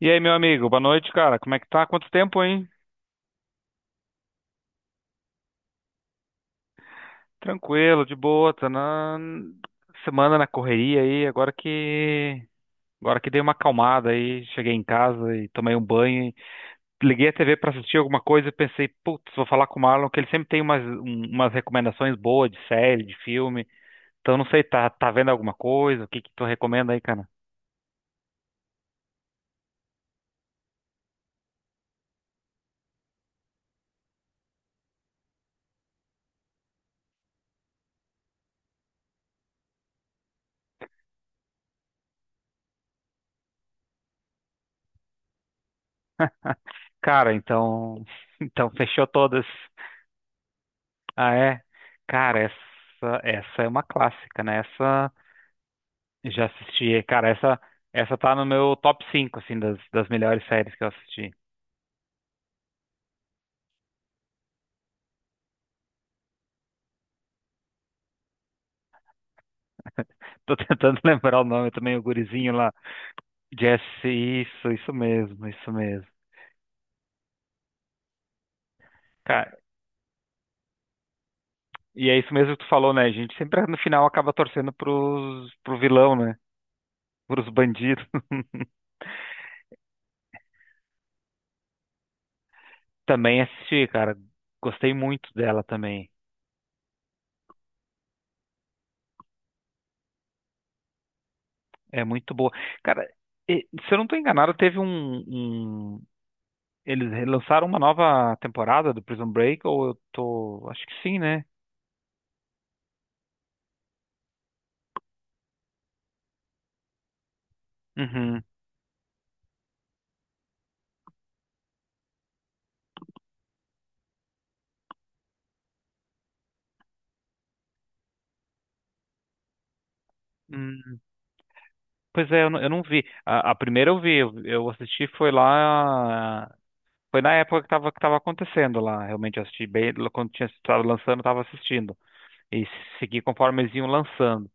E aí, meu amigo, boa noite, cara. Como é que tá? Quanto tempo, hein? Tranquilo, de boa, tá na semana na correria aí, agora que dei uma acalmada aí, cheguei em casa e tomei um banho, e liguei a TV pra assistir alguma coisa e pensei, putz, vou falar com o Marlon que ele sempre tem umas, umas recomendações boas de série, de filme. Então não sei, tá vendo alguma coisa? O que que tu recomenda aí, cara? Cara, então então fechou todas. Ah, é. Cara, essa é uma clássica, né? Essa já assisti. Cara, essa tá no meu top 5 assim, das, das melhores séries que eu assisti. Tô tentando lembrar o nome também, o gurizinho lá. Jesse, isso mesmo, isso mesmo. Cara, e é isso mesmo que tu falou, né? A gente sempre no final acaba torcendo pros, pro vilão, né? Pros bandidos. Também assisti, cara. Gostei muito dela também. É muito boa. Cara, se eu não tô enganado, teve um, um... Eles lançaram uma nova temporada do Prison Break, ou eu tô... Acho que sim, né? Uhum. Hum, pois é, eu não vi. A primeira eu vi, eu assisti foi lá. Foi na época que tava acontecendo lá. Realmente eu assisti bem, quando tinha estado lançando, eu tava assistindo. E segui conforme eles iam lançando.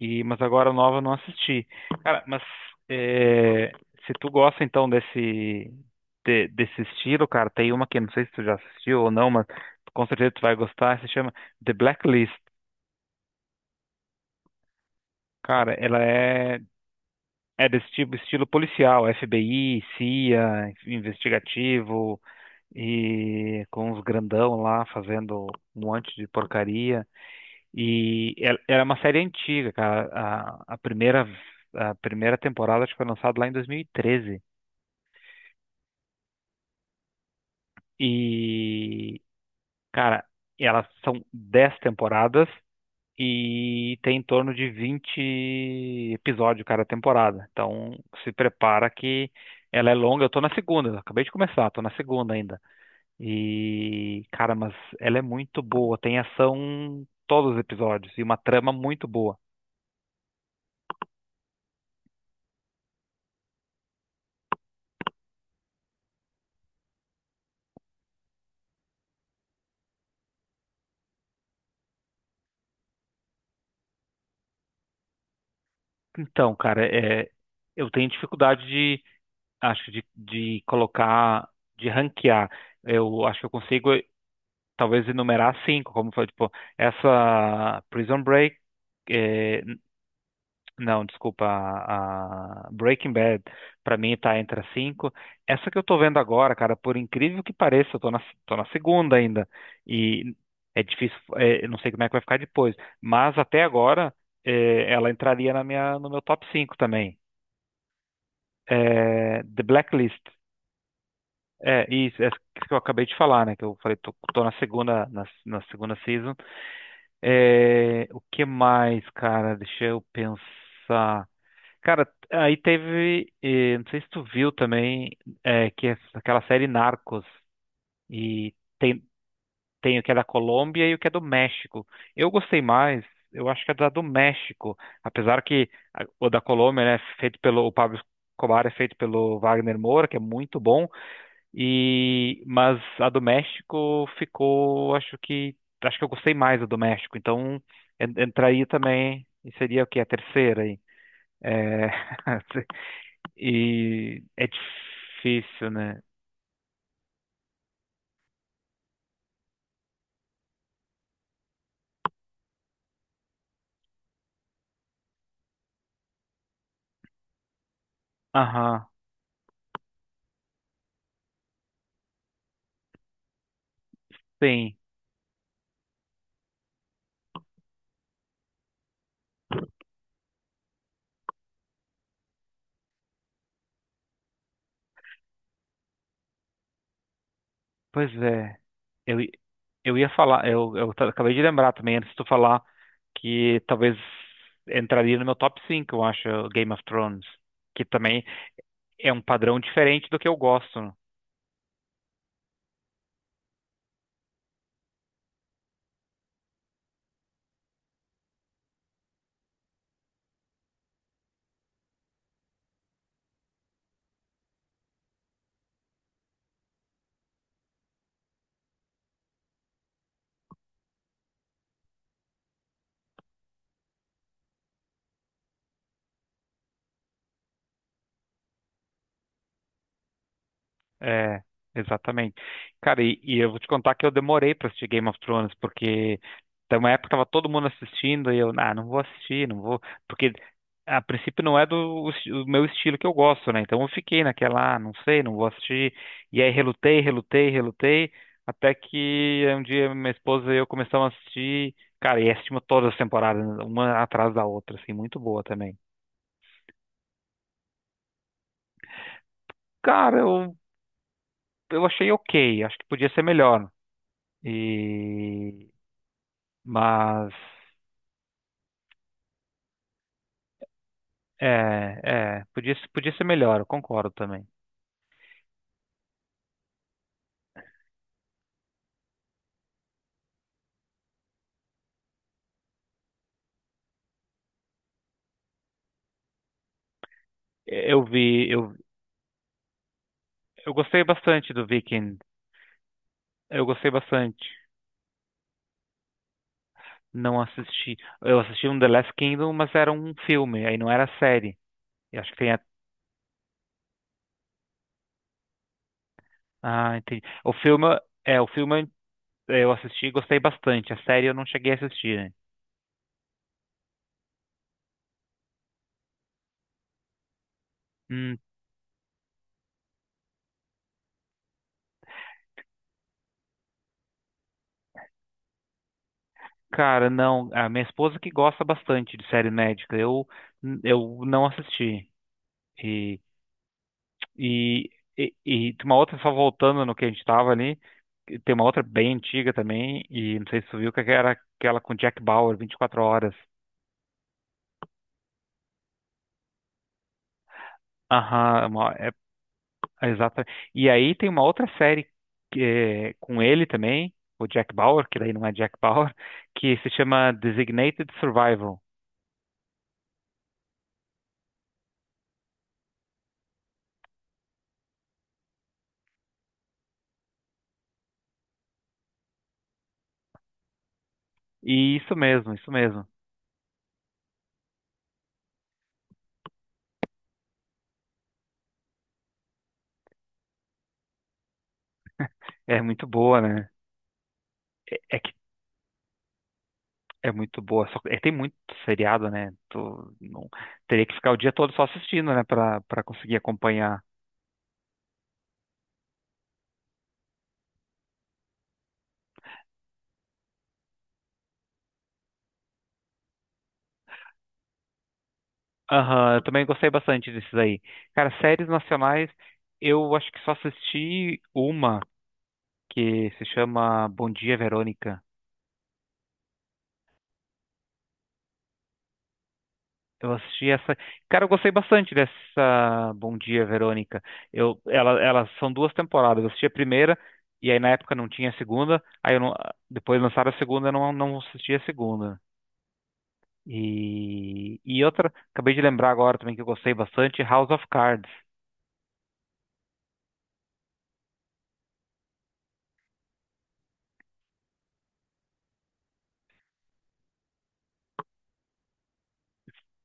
E, mas agora a nova eu não assisti. Cara, mas é, se tu gosta então desse, desse estilo, cara, tem uma que eu não sei se tu já assistiu ou não, mas com certeza tu vai gostar, se chama The Blacklist. Cara, ela é é desse tipo, estilo policial, FBI, CIA, investigativo, e com os grandão lá fazendo um monte de porcaria. E era uma série antiga, cara. A primeira temporada acho que foi lançada lá em 2013. E, treze. E, cara, elas são 10 temporadas e tem em torno de 20 episódios cada temporada. Então, se prepara que ela é longa. Eu tô na segunda, eu acabei de começar, tô na segunda ainda. E, cara, mas ela é muito boa, tem ação em todos os episódios e uma trama muito boa. Então, cara, é, eu tenho dificuldade de, acho, de colocar, de ranquear. Eu acho que eu consigo, talvez, enumerar cinco, como foi, tipo, essa Prison Break, é, não, desculpa, a Breaking Bad pra mim tá entre as cinco. Essa que eu tô vendo agora, cara, por incrível que pareça, tô na segunda ainda. E é difícil, é, eu não sei como é que vai ficar depois. Mas até agora, é, ela entraria na minha, no meu top cinco também. É, The Blacklist. É, isso, essa que eu acabei de falar, né? Que eu falei, tô na segunda, na segunda season. É, o que mais, cara? Deixa eu pensar. Cara, aí teve, não sei se tu viu também, que é aquela série Narcos, e tem, tem o que é da Colômbia e o que é do México. Eu gostei mais, eu acho que é da do México, apesar que o da Colômbia, né, é feito pelo o Pablo Escobar, é feito pelo Wagner Moura, que é muito bom, e mas a do México ficou, acho que eu gostei mais da do México, então entraria também, e seria o que, a terceira aí. É, e é difícil, né? Aham, tem. Pois é. Eu, i- eu ia falar, eu, acabei de lembrar também, antes de tu falar, que talvez entraria no meu top 5 eu acho, Game of Thrones. Que também é um padrão diferente do que eu gosto. É, exatamente. Cara, e eu vou te contar que eu demorei pra assistir Game of Thrones, porque tem uma época que tava todo mundo assistindo e eu, ah, não vou assistir, não vou, porque a princípio não é do, o meu estilo que eu gosto, né? Então eu fiquei naquela, ah, não sei, não vou assistir. E aí relutei, até que um dia minha esposa e eu começamos a assistir, cara, e assistimos todas as temporadas, uma atrás da outra, assim, muito boa também. Cara, eu achei ok, acho que podia ser melhor. E, mas é, é, podia, podia ser melhor, eu concordo também. Eu vi, eu gostei bastante do Viking. Eu gostei bastante. Não assisti. Eu assisti um The Last Kingdom, mas era um filme, aí não era série. Eu acho que tem a... Ah, entendi. O filme, é, o filme eu assisti e gostei bastante. A série eu não cheguei a assistir, né? Hum, cara, não. A minha esposa que gosta bastante de série médica. Eu não assisti. E, e tem uma outra, só voltando no que a gente tava ali, que tem uma outra bem antiga também, e não sei se você viu, que era aquela com Jack Bauer, 24 horas. Aham, é, é exata. E aí tem uma outra série que é com ele também, o Jack Bauer, que daí não é Jack Bauer, que se chama Designated Survival. E isso mesmo, isso mesmo. É muito boa, né? É, é que É muito boa. Só, é, tem muito seriado, né? Tu, não, teria que ficar o dia todo só assistindo, né? Pra, pra conseguir acompanhar. Aham, eu também gostei bastante desses aí. Cara, séries nacionais, eu acho que só assisti uma, que se chama Bom Dia, Verônica. Eu assisti essa. Cara, eu gostei bastante dessa Bom Dia, Verônica. Ela, elas são duas temporadas. Eu assisti a primeira, e aí na época não tinha a segunda. Aí eu não, depois lançaram a segunda, eu não, não assisti a segunda. E outra, acabei de lembrar agora também que eu gostei bastante, House of Cards.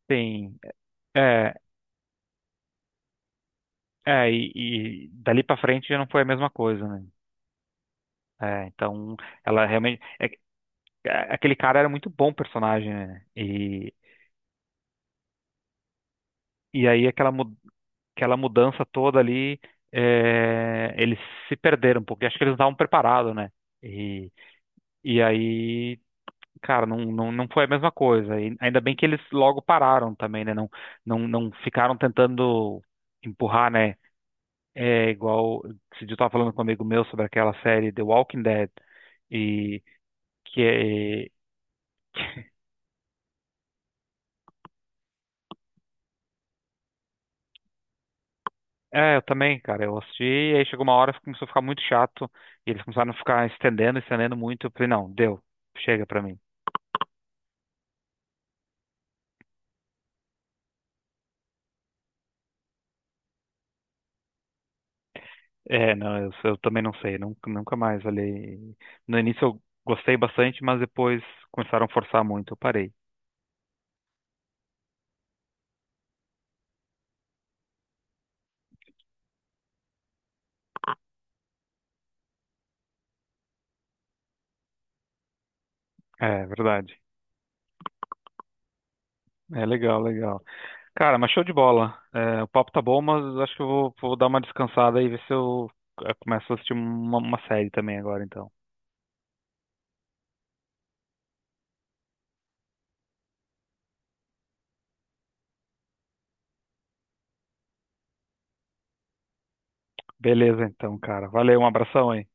Tem, é, é, e dali pra frente já não foi a mesma coisa, né? É, então, ela realmente, aquele cara era muito bom personagem, né? E aí aquela, aquela mudança toda ali, é, eles se perderam um pouco, e acho que eles não estavam preparados, né? E, e aí cara, não foi a mesma coisa. E ainda bem que eles logo pararam também, né? Não, não ficaram tentando empurrar, né? É igual. Esse dia eu tava falando com um amigo meu sobre aquela série The Walking Dead. E que é. É, eu também, cara. Eu assisti e aí chegou uma hora que começou a ficar muito chato. E eles começaram a ficar estendendo, estendendo muito. Eu falei, não, deu. Chega pra mim. É, não, eu também não sei. Nunca mais olhei. No início eu gostei bastante, mas depois começaram a forçar muito. Eu parei. É verdade. É legal, legal. Cara, mas show de bola. É, o papo tá bom, mas acho que vou dar uma descansada e ver se eu começo a assistir uma série também agora, então. Beleza, então, cara. Valeu, um abração aí.